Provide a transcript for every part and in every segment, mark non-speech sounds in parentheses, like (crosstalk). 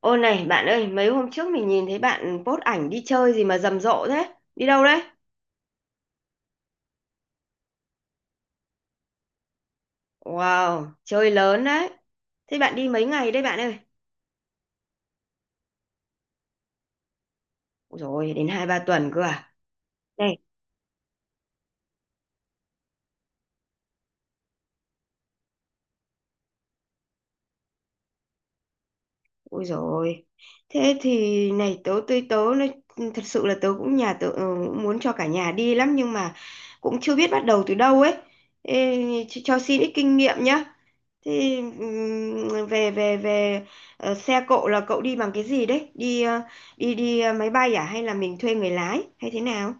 Ô này bạn ơi, mấy hôm trước mình nhìn thấy bạn post ảnh đi chơi gì mà rầm rộ thế? Đi đâu đấy? Wow, chơi lớn đấy. Thế bạn đi mấy ngày đấy bạn ơi? Ôi dồi, đến 2 3 tuần cơ à? Này, ôi dồi. Thế thì này tớ tớ tớ nói, thật sự là tớ cũng nhà tớ cũng muốn cho cả nhà đi lắm nhưng mà cũng chưa biết bắt đầu từ đâu ấy. Ê, cho xin ít kinh nghiệm nhá. Thì về về về xe cộ là cậu đi bằng cái gì đấy? Đi đi đi ờ, máy bay à hay là mình thuê người lái hay thế nào?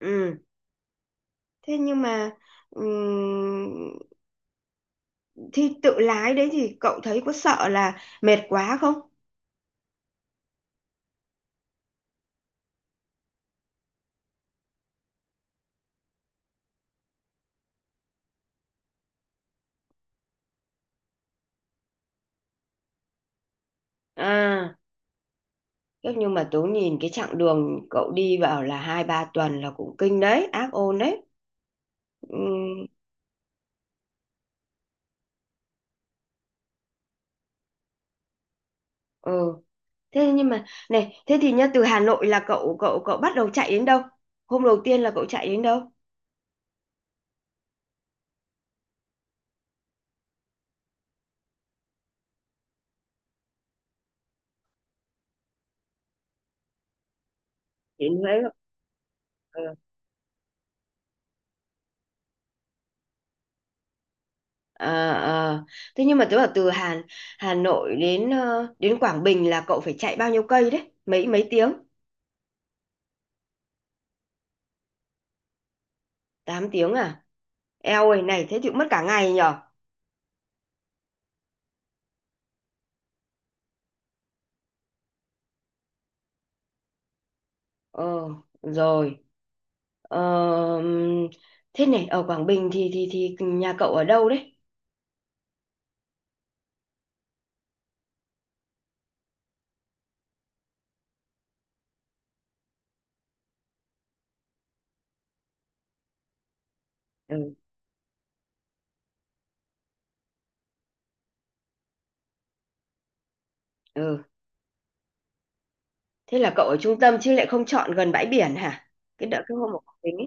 Ừ. Thế nhưng mà ừm, thì tự lái đấy thì cậu thấy có sợ là mệt quá không? À, chắc nhưng mà tớ nhìn cái chặng đường cậu đi vào là hai ba tuần là cũng kinh đấy, ác ôn đấy. Ừm, ừ. Thế nhưng mà này, thế thì nhá từ Hà Nội là cậu cậu cậu bắt đầu chạy đến đâu? Hôm đầu tiên là cậu chạy đến đâu? Chị thấy không? Ừ. Ờ, ờ. Thế nhưng mà tức là từ Hà Hà Nội đến đến Quảng Bình là cậu phải chạy bao nhiêu cây đấy? Mấy mấy tiếng? Tám tiếng à? Eo ơi này thế thì cũng mất cả ngày nhở? Ờ rồi. Ờ, ừm, thế này ở Quảng Bình thì thì nhà cậu ở đâu đấy? Ừ, ừ. Thế là cậu ở trung tâm chứ lại không chọn gần bãi biển hả? Cái đợi cái hôm ở Quảng Bình ấy.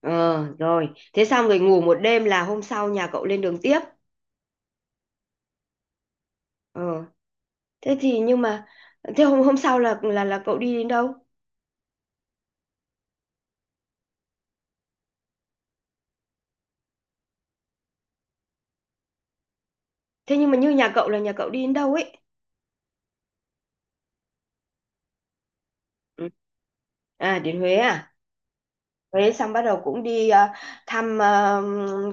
Ờ rồi, thế xong rồi ngủ một đêm là hôm sau nhà cậu lên đường tiếp. Ờ, thế thì nhưng mà thế hôm hôm sau là là cậu đi đến đâu? Thế nhưng mà như nhà cậu là nhà cậu đi đến đâu ấy? Ừ. À, đến Huế à? Huế xong bắt đầu cũng đi thăm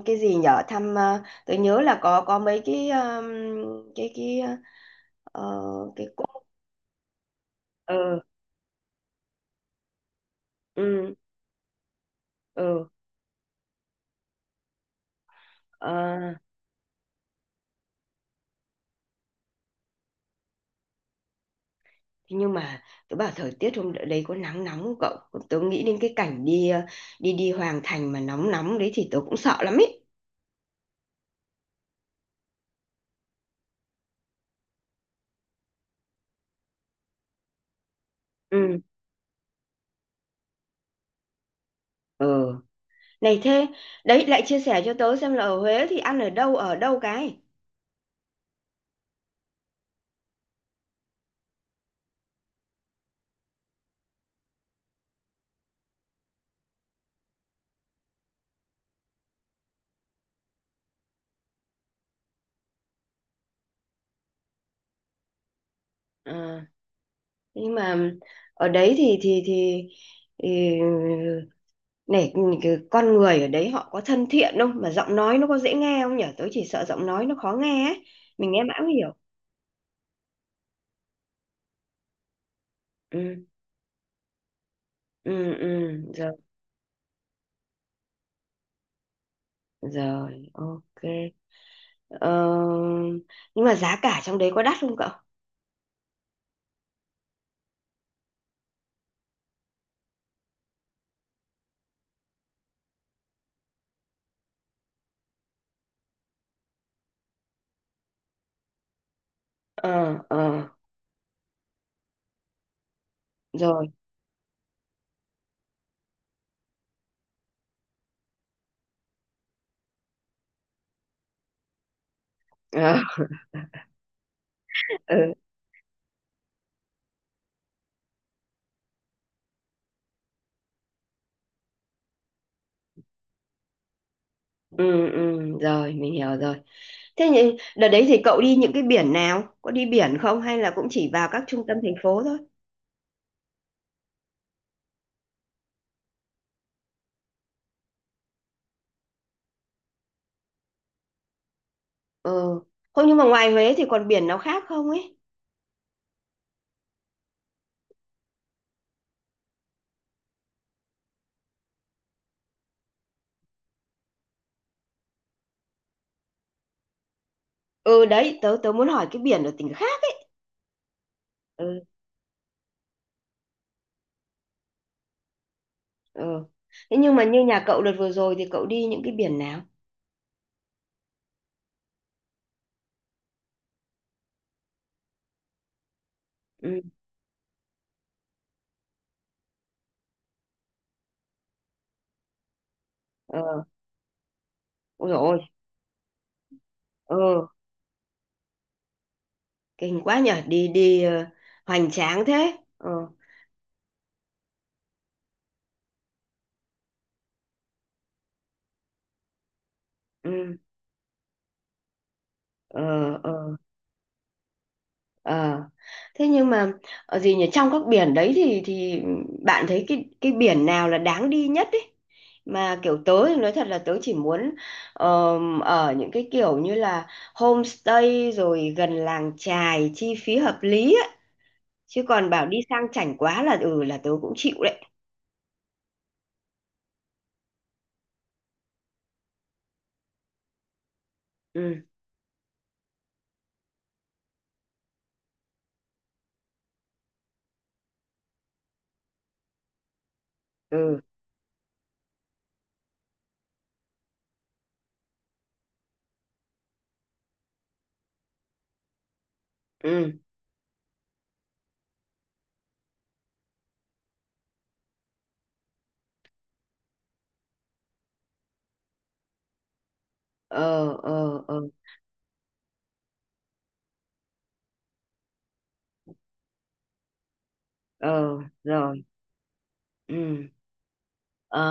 cái gì nhở, thăm tôi nhớ là có mấy cái cái ờ, cái cỗ. Ừ. Ừ. Ừ. Ờ. Thế nhưng mà tôi bảo thời tiết hôm đấy có nắng nóng không cậu? Tôi nghĩ đến cái cảnh đi đi đi Hoàng Thành mà nóng nóng đấy thì tôi cũng sợ lắm ấy. Ừ. Ừ. Này thế, đấy lại chia sẻ cho tớ xem là ở Huế thì ăn ở đâu cái. À, nhưng mà ở đấy thì thì này cái con người ở đấy họ có thân thiện không mà giọng nói nó có dễ nghe không nhỉ? Tớ chỉ sợ giọng nói nó khó nghe ấy. Mình nghe mãi không hiểu. Ừ. Ừ. Ừ rồi, rồi ok. Ờ, nhưng mà giá cả trong đấy có đắt không cậu? Ờ, ờ rồi. Ờ, (laughs) ừ. Ừ, ừ rồi mình hiểu rồi. Thế nhưng đợt đấy thì cậu đi những cái biển nào, có đi biển không hay là cũng chỉ vào các trung tâm thành phố thôi? Ừ, không nhưng mà ngoài Huế thì còn biển nào khác không ấy? Ừ, đấy tớ tớ muốn hỏi cái biển ở tỉnh khác. Ừ. Ừ. Thế nhưng mà như nhà cậu đợt vừa rồi thì cậu đi những cái biển nào? Ừ. Ờ. Ôi dồi ôi. Ừ. Kinh quá nhở, đi đi ờ, hoành tráng thế. Ừ. Ừ. Ờ. Ờ. Ờ. Thế nhưng mà gì nhỉ, trong các biển đấy thì bạn thấy cái biển nào là đáng đi nhất ấy? Mà kiểu tớ thì nói thật là tớ chỉ muốn ở những cái kiểu như là homestay rồi gần làng chài chi phí hợp lý ấy. Chứ còn bảo đi sang chảnh quá là ừ là tớ cũng chịu đấy. Ừ. Ừ. Ừ. Ờ. Ờ. Ờ. Ờ rồi. Ừ. Ờ.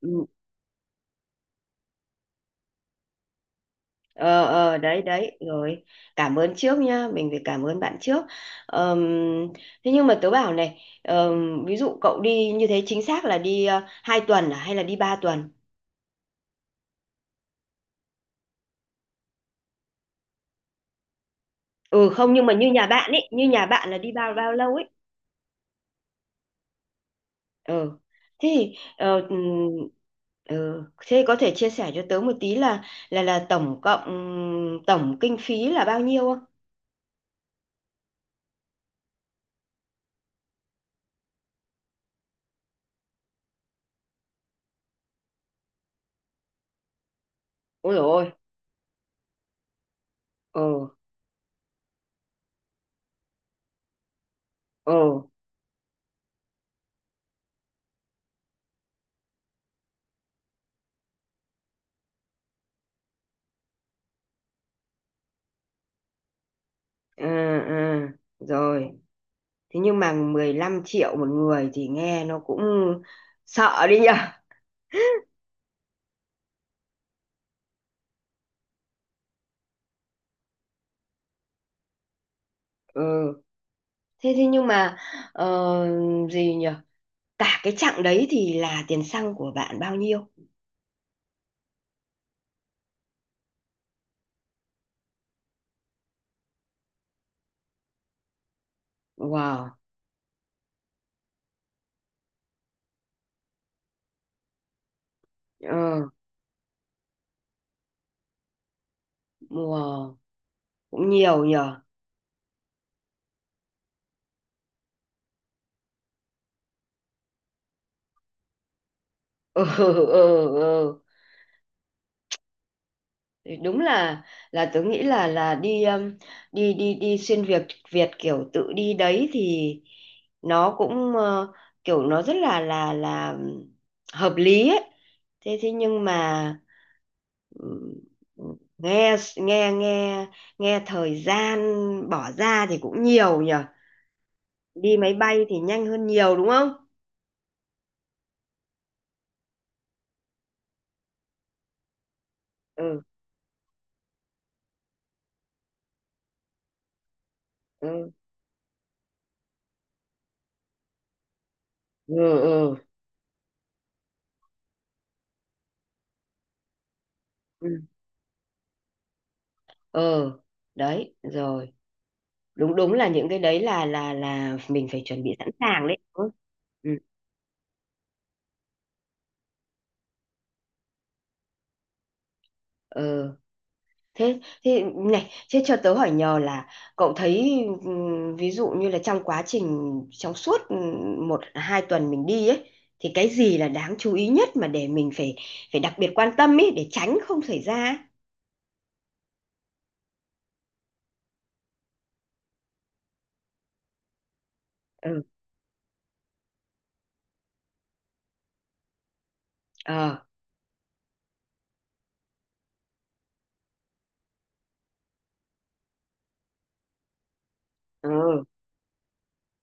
Ừ. Ờ, ờ đấy, đấy rồi. Cảm ơn trước nhá, mình phải cảm ơn bạn trước. Ờm, thế nhưng mà tớ bảo này, ví dụ cậu đi như thế chính xác là đi 2 tuần à hay là đi ba tuần? Ừ, không nhưng mà như nhà bạn ấy, như nhà bạn là đi bao bao lâu ấy? Ừ, thế thì ừ, thế có thể chia sẻ cho tớ một tí là là tổng cộng tổng kinh phí là bao nhiêu không? Ôi dồi ôi. Ừ. Ừ. Ừ. Ừ rồi. Thế nhưng mà 15 triệu một người thì nghe nó cũng sợ đi nhở. Ừ. Thế thế nhưng mà ờ, gì nhở? Cả cái chặng đấy thì là tiền xăng của bạn bao nhiêu? Wow. Ờ, wow. Cũng nhiều nhở. (laughs) Ừ, ừ, ừ. Thì đúng là tớ nghĩ là đi đi xuyên Việt Việt kiểu tự đi đấy thì nó cũng kiểu nó rất là là hợp lý ấy. Thế thế nhưng mà ừm, nghe nghe thời gian bỏ ra thì cũng nhiều nhở. Đi máy bay thì nhanh hơn nhiều đúng không? Ừ. Ừ. Ừ. Ừ. Ừ. Ừ. Đấy, rồi. Đúng, đúng là những cái đấy là là mình phải chuẩn bị sẵn sàng đấy. Ừ. Ừ. Ờ, thế thế này, thế cho tớ hỏi nhờ là cậu thấy ví dụ như là trong quá trình, trong suốt một hai tuần mình đi ấy thì cái gì là đáng chú ý nhất mà để mình phải phải đặc biệt quan tâm ấy để tránh không xảy ra ấy? Ừ. Ờ. Ừ.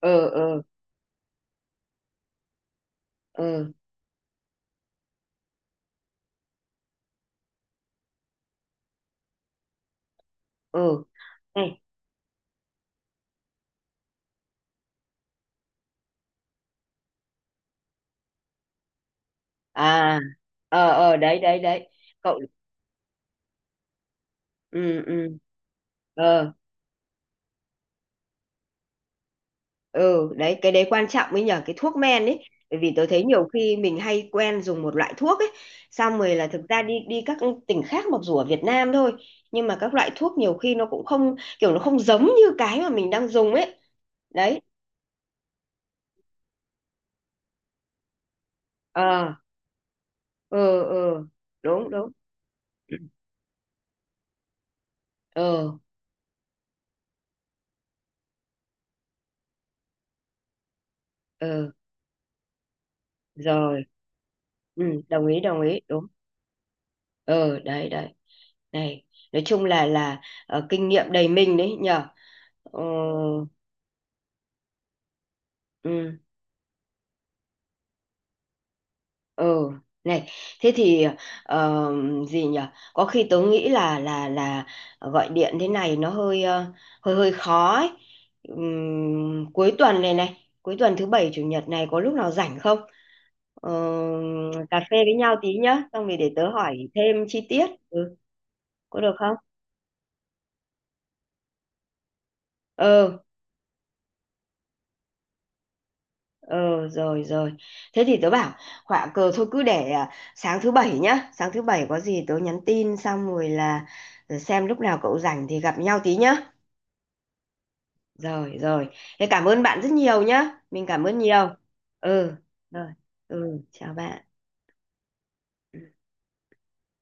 Ừ. Ừ. Ừ. Ừ. Này. À. Ờ, ờ đấy, đấy, đấy. Cậu. Ừ. Ừ. Ờ. Ừ, đấy cái đấy quan trọng ấy nhờ, cái thuốc men ấy. Bởi vì tôi thấy nhiều khi mình hay quen dùng một loại thuốc ấy, xong rồi là thực ra đi đi các tỉnh khác mặc dù ở Việt Nam thôi nhưng mà các loại thuốc nhiều khi nó cũng không kiểu nó không giống như cái mà mình đang dùng ấy. Đấy. Ờ. Ừ. Ừ. Đúng, đúng. Ờ. Ờ rồi. Ừ, đồng ý, đồng ý, đúng. Ờ đấy, đấy. Này, nói chung là kinh nghiệm đầy mình đấy nhờ. Ờ, ừ. Ừ, này, thế thì ờ, gì nhỉ? Có khi tớ nghĩ là là gọi điện thế này nó hơi hơi hơi khó ấy. Cuối tuần này, này, cuối tuần thứ bảy chủ nhật này có lúc nào rảnh không? Ờ, cà phê với nhau tí nhá, xong rồi để tớ hỏi thêm chi tiết. Ừ, có được không? Ừ. Ờ rồi, rồi. Thế thì tớ bảo họa cờ thôi, cứ để à, sáng thứ bảy nhá. Sáng thứ bảy có gì tớ nhắn tin xong rồi là xem lúc nào cậu rảnh thì gặp nhau tí nhá. Rồi, rồi. Thế cảm ơn bạn rất nhiều nhá. Mình cảm ơn nhiều. Ừ rồi. Ừ, chào bạn.